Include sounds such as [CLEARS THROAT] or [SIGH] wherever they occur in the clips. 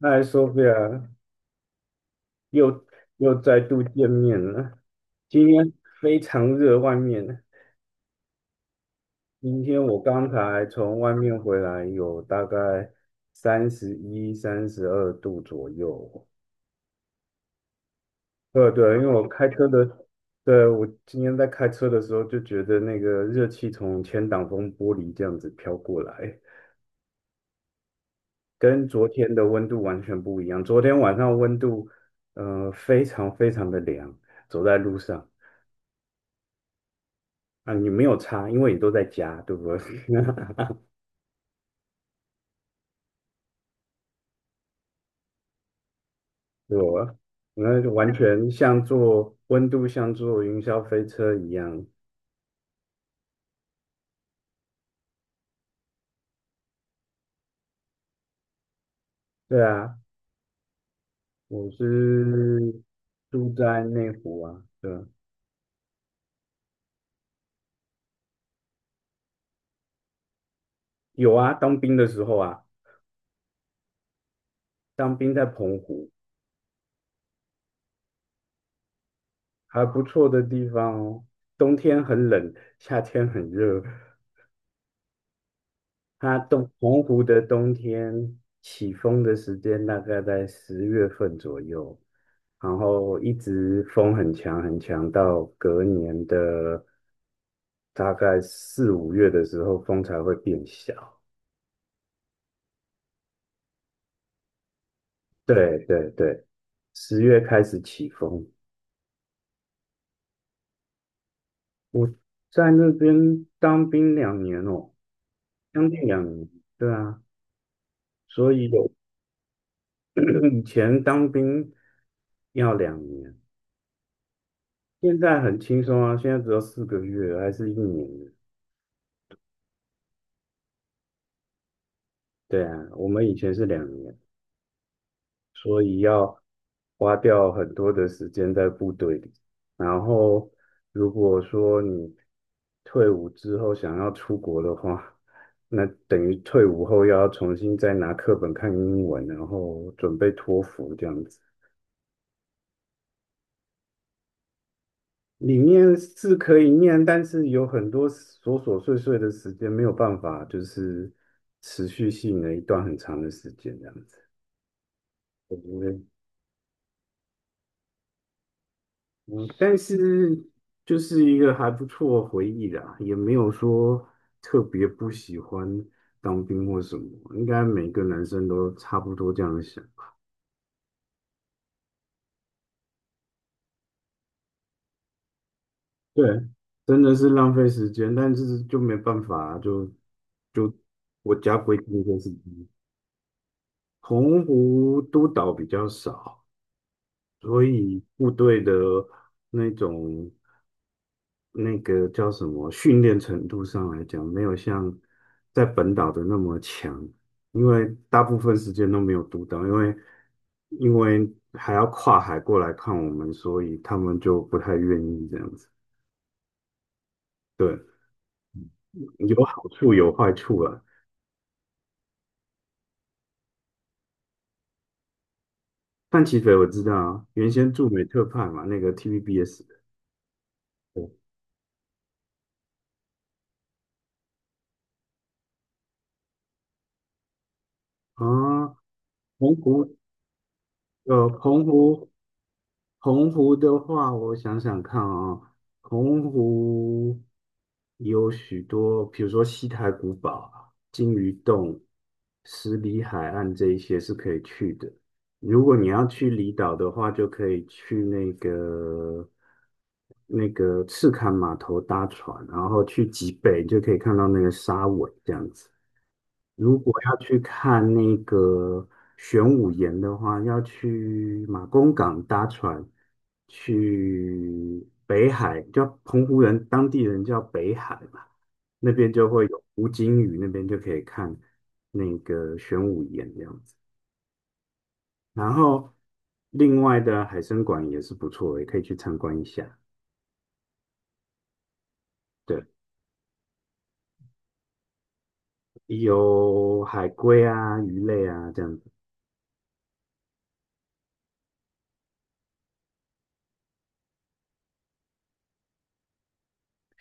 嗨，Sophia，又又再度见面了。今天非常热，外面。今天我刚才从外面回来，有大概31、32度左右。对对，因为我开车的，对，我今天在开车的时候就觉得那个热气从前挡风玻璃这样子飘过来，跟昨天的温度完全不一样。昨天晚上温度，非常非常的凉，走在路上。啊，你没有差，因为你都在家，对不对？[LAUGHS] 对我，那就完全像坐温度像坐云霄飞车一样。对啊，我是住在内湖啊，对啊，有啊，当兵的时候啊，当兵在澎湖，还不错的地方哦。冬天很冷，夏天很热，它东澎湖的冬天起风的时间大概在十月份左右，然后一直风很强很强，到隔年的大概四五月的时候，风才会变小。对对对，十月开始起风。我在那边当兵两年哦，将近两年，对啊，所以有 [CLEARS THROAT] 以前当兵要2年，现在很轻松啊，现在只要4个月，还是一年。对啊，我们以前是两年，所以要花掉很多的时间在部队里。然后，如果说你退伍之后想要出国的话，那等于退伍后又要重新再拿课本看英文，然后准备托福这样子。里面是可以念，但是有很多琐琐碎碎的时间没有办法，就是持续性的一段很长的时间这样子。我觉得嗯，但是就是一个还不错的回忆啦，也没有说特别不喜欢当兵或什么，应该每个男生都差不多这样想。对，真的是浪费时间，但是就没办法啊就国家规定就是这澎湖督导比较少，所以部队的那种。那个叫什么训练程度上来讲，没有像在本岛的那么强，因为大部分时间都没有读岛，因为还要跨海过来看我们，所以他们就不太愿意这样子。对，有好处有坏处啊。范琪斐我知道啊，原先驻美特派嘛，那个 TVBS 的。对啊，澎湖澎湖，洪湖的话，我想想看啊，洪湖有许多，比如说西台古堡、金鱼洞、十里海岸这一些是可以去的。如果你要去离岛的话，就可以去那个赤坎码头搭船，然后去极北就可以看到那个沙尾这样子。如果要去看那个玄武岩的话，要去马公港搭船去北海，叫澎湖人当地人叫北海嘛，那边就会有湖金屿，那边就可以看那个玄武岩这样子。然后另外的海参馆也是不错，也可以去参观一下。对，有海龟啊、鱼类啊这样子。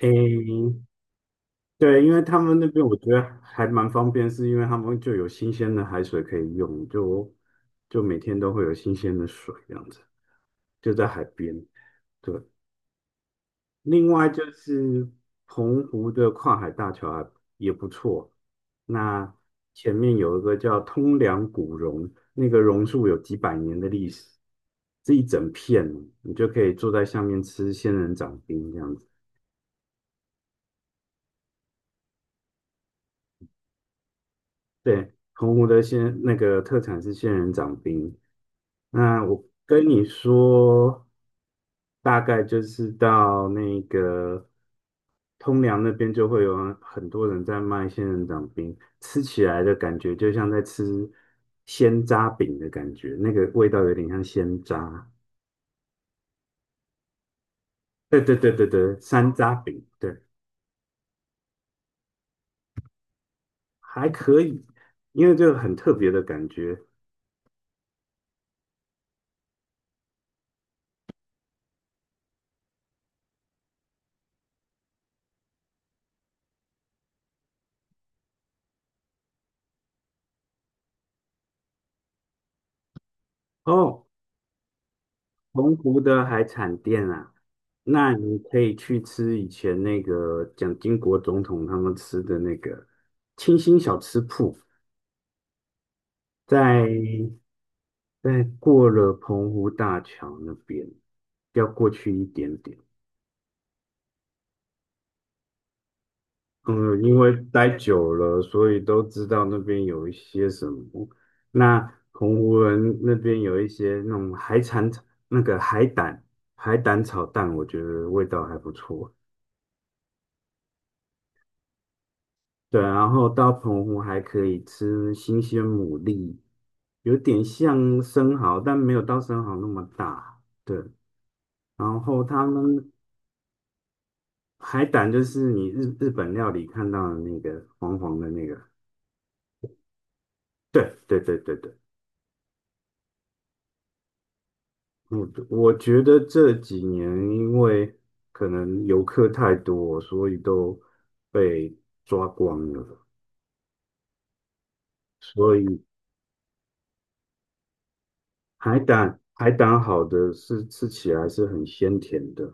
诶，对，因为他们那边我觉得还蛮方便，是因为他们就有新鲜的海水可以用，就每天都会有新鲜的水这样子，就在海边。另外就是澎湖的跨海大桥也不错，那前面有一个叫通梁古榕，那个榕树有几百年的历史，这一整片，你就可以坐在下面吃仙人掌冰这样子。对，澎湖的仙那个特产是仙人掌冰。那我跟你说，大概就是到那个通梁那边就会有很多人在卖仙人掌冰，吃起来的感觉就像在吃鲜渣饼的感觉，那个味道有点像鲜渣。对对对对对，山楂饼，对，还可以，因为这个很特别的感觉哦。澎湖的海产店啊，那你可以去吃以前那个蒋经国总统他们吃的那个清新小吃铺，在在过了澎湖大桥那边，要过去一点点。嗯，因为待久了，所以都知道那边有一些什么。那澎湖人那边有一些那种海产，那个海胆，海胆炒蛋，我觉得味道还不错。对，然后到澎湖还可以吃新鲜牡蛎，有点像生蚝，但没有到生蚝那么大。对，然后他们海胆就是你日本料理看到的那个黄黄的那个。对对对对对，我觉得这几年因为可能游客太多，所以都被抓光了，所以海胆好的是吃起来是很鲜甜的。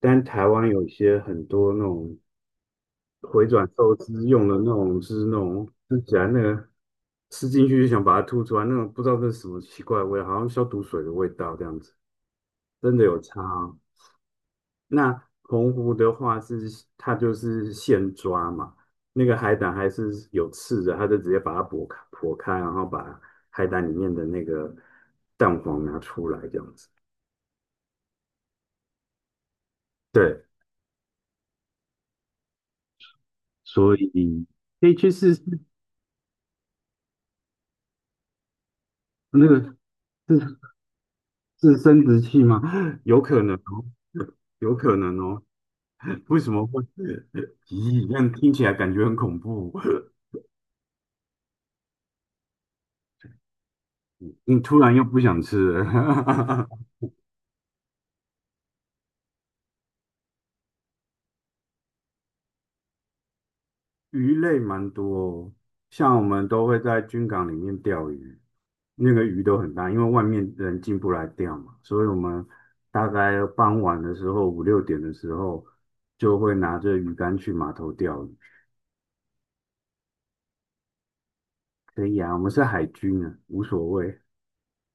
但台湾有一些很多那种回转寿司用的那种，就是那种吃起来那个吃进去就想把它吐出来，那种不知道这是什么奇怪的味道好像消毒水的味道这样子，真的有差哦。那澎湖的话是它就是现抓嘛，那个海胆还是有刺的，它就直接把它剥开剥开，然后把海胆里面的那个蛋黄拿出来这样子。对，所以可以去试试那个，是。是生殖器吗？[LAUGHS] 有可能哦，有可能哦。[LAUGHS] 为什么会？咦，这样听起来感觉很恐怖。你突然又不想吃了。[LAUGHS] 鱼类蛮多哦，像我们都会在军港里面钓鱼，那个鱼都很大，因为外面人进不来钓嘛，所以我们大概傍晚的时候，五六点的时候，就会拿着鱼竿去码头钓鱼。可以啊，我们是海军啊，无所谓。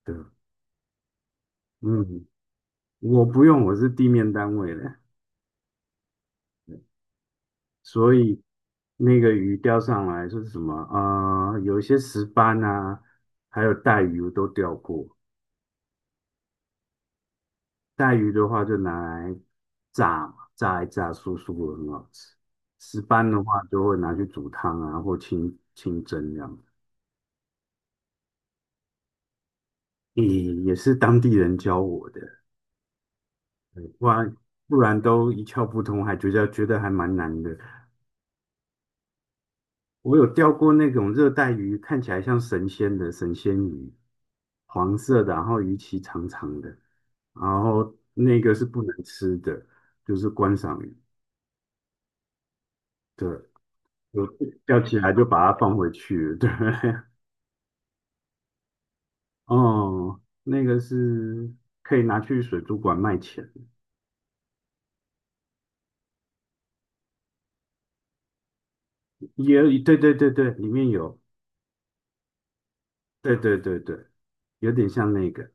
对，嗯，我不用，我是地面单位的，所以那个鱼钓上来说是什么？啊，有一些石斑啊，还有带鱼我都钓过。带鱼的话就拿来炸嘛，炸一炸酥酥的，很好吃。石斑的话就会拿去煮汤啊，或清蒸这样。也也是当地人教我的，对不然都一窍不通，还觉得还蛮难的。我有钓过那种热带鱼，看起来像神仙的神仙鱼，黄色的，然后鱼鳍长长的，然后那个是不能吃的，就是观赏鱼。对，我钓起来就把它放回去了。对，[LAUGHS] 哦，那个是可以拿去水族馆卖钱，也对对对对，里面有，对对对对，有点像那个。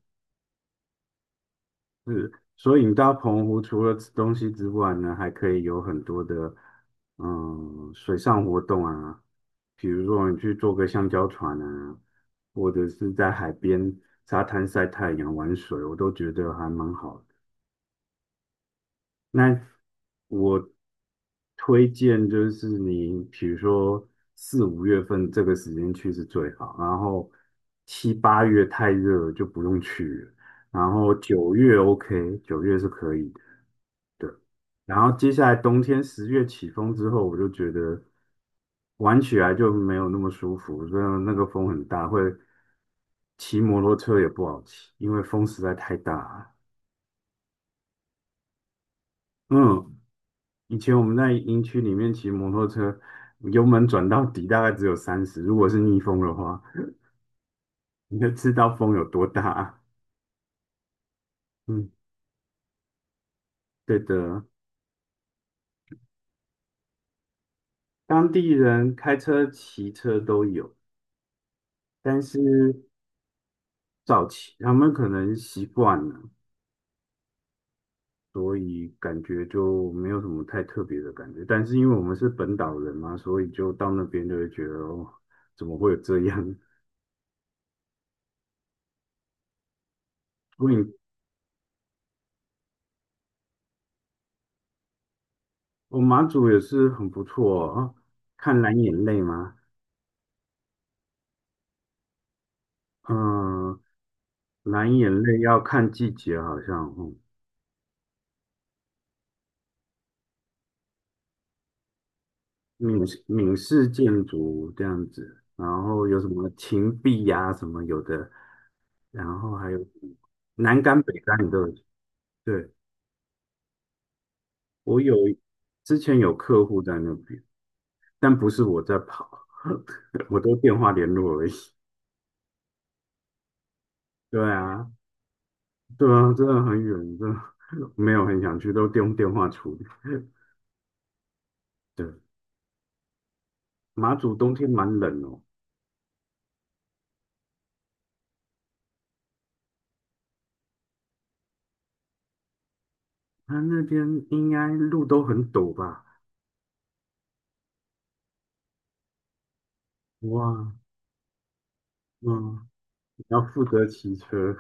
是，所以你到澎湖除了吃东西之外呢，还可以有很多的水上活动啊，比如说你去坐个橡胶船啊，或者是在海边沙滩晒太阳、玩水，我都觉得还蛮好的。那我推荐就是你，比如说四五月份这个时间去是最好，然后七八月太热了就不用去了。然后九月 OK，九月是可以，然后接下来冬天十月起风之后，我就觉得玩起来就没有那么舒服，真的那个风很大，会骑摩托车也不好骑，因为风实在太大了。嗯，以前我们在营区里面骑摩托车，油门转到底大概只有三十，如果是逆风的话，你就知道风有多大。嗯，对的，当地人开车、骑车都有，但是早期他们可能习惯了。所以感觉就没有什么太特别的感觉。但是因为我们是本岛人嘛，所以就到那边就会觉得，哦，怎么会有这样？所以我马祖也是很不错哦。啊看蓝眼泪吗？嗯，蓝眼泪要看季节，好像，闽式建筑这样子，然后有什么芹壁呀、什么有的，然后还有什么南竿、北竿你都有去。对，我有之前有客户在那边。但不是我在跑，[LAUGHS] 我都电话联络而已。对啊，对啊，真的很远，真的没有很想去，都用电话处理。对，马祖冬天蛮冷哦，它那边应该路都很陡吧？哇，嗯，要负责骑车。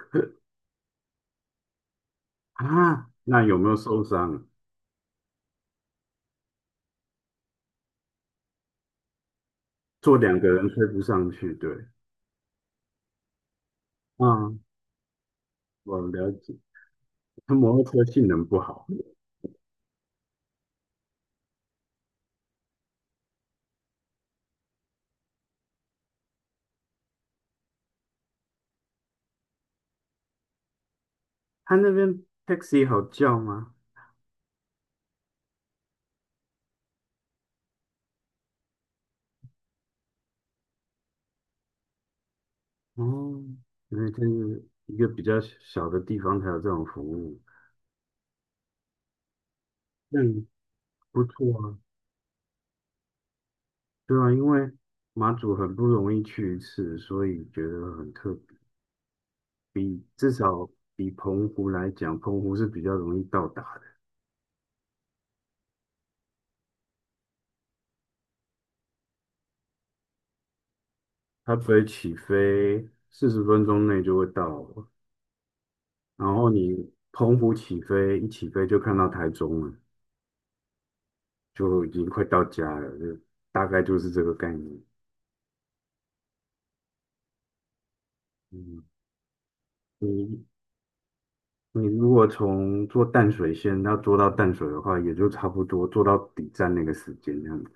[LAUGHS] 啊？那有没有受伤？坐两个人推不上去，对，嗯，我了解，他摩托车性能不好。他那边 taxi 好叫吗？哦，因为这是一个比较小的地方才有这种服务，那不错啊。对啊，因为马祖很不容易去一次，所以觉得很特别，比至少比澎湖来讲，澎湖是比较容易到达的，它飞起飞40分钟内就会到了。然后你澎湖起飞一起飞就看到台中了，就已经快到家了，就大概就是这个概念。嗯。你。你如果从做淡水线要坐到淡水的话，也就差不多坐到底站那个时间，这样子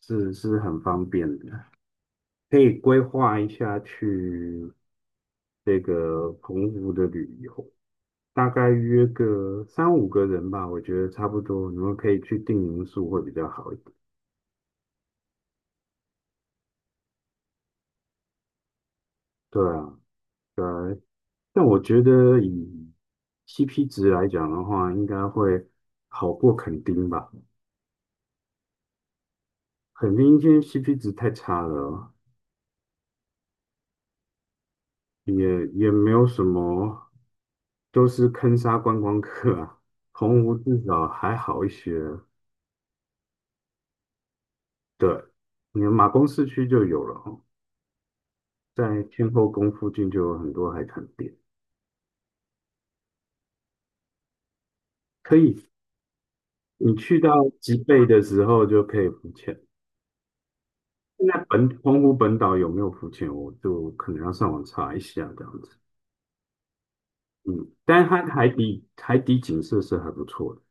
是很方便的。可以规划一下去这个澎湖的旅游，大概约个三五个人吧，我觉得差不多。你们可以去订民宿会比较好一点。对啊，对啊，但我觉得以 CP 值来讲的话，应该会好过垦丁吧。垦丁今天 CP 值太差了。也也没有什么，都是坑杀观光客啊。洪湖至少还好一些，对，你马公市区就有了哦，在天后宫附近就有很多海滩店，可以，你去到吉贝的时候就可以浮潜。现在本洪湖本岛有没有浮潜，我就可能要上网查一下这样子。嗯，但是它海底景色是还不错的。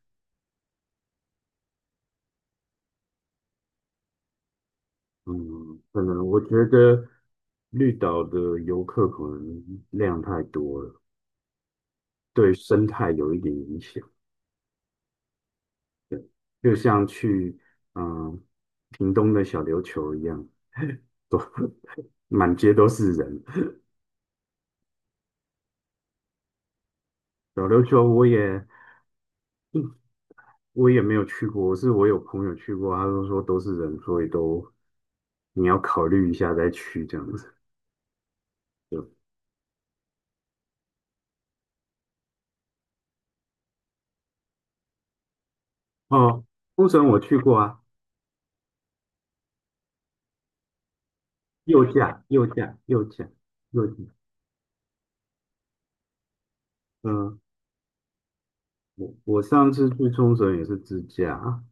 嗯，可能我觉得绿岛的游客可能量太多了，对生态有一点影响，就像去嗯屏东的小琉球一样，满街都是人。小琉球我也没有去过，是我有朋友去过，他都说都是人，所以都你要考虑一下再去这样子。哦，冲绳我去过啊，右驾右驾右驾右驾，嗯、我我上次去冲绳也是自驾，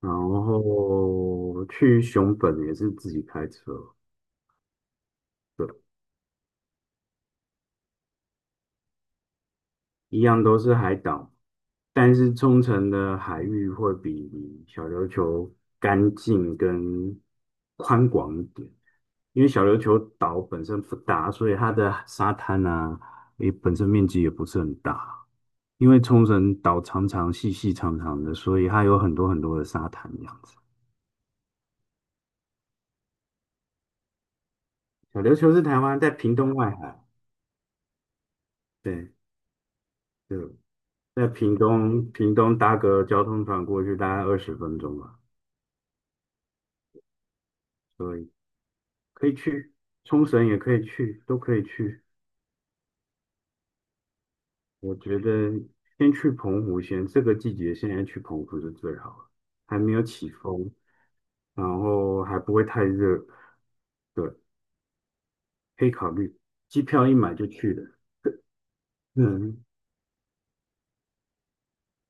然后去熊本也是自己开车，一样都是海岛，但是冲绳的海域会比小琉球干净跟宽广一点，因为小琉球岛本身不大，所以它的沙滩啊，也本身面积也不是很大。因为冲绳岛长长、细细长长的，所以它有很多很多的沙滩这样子。小琉球是台湾在屏东外海，对，就在屏东，屏东搭个交通船过去大概20分钟吧，所以可以去冲绳，也可以去，都可以去。我觉得先去澎湖先，这个季节现在去澎湖是最好的，还没有起风，然后还不会太热，对，可以考虑。机票一买就去了，嗯，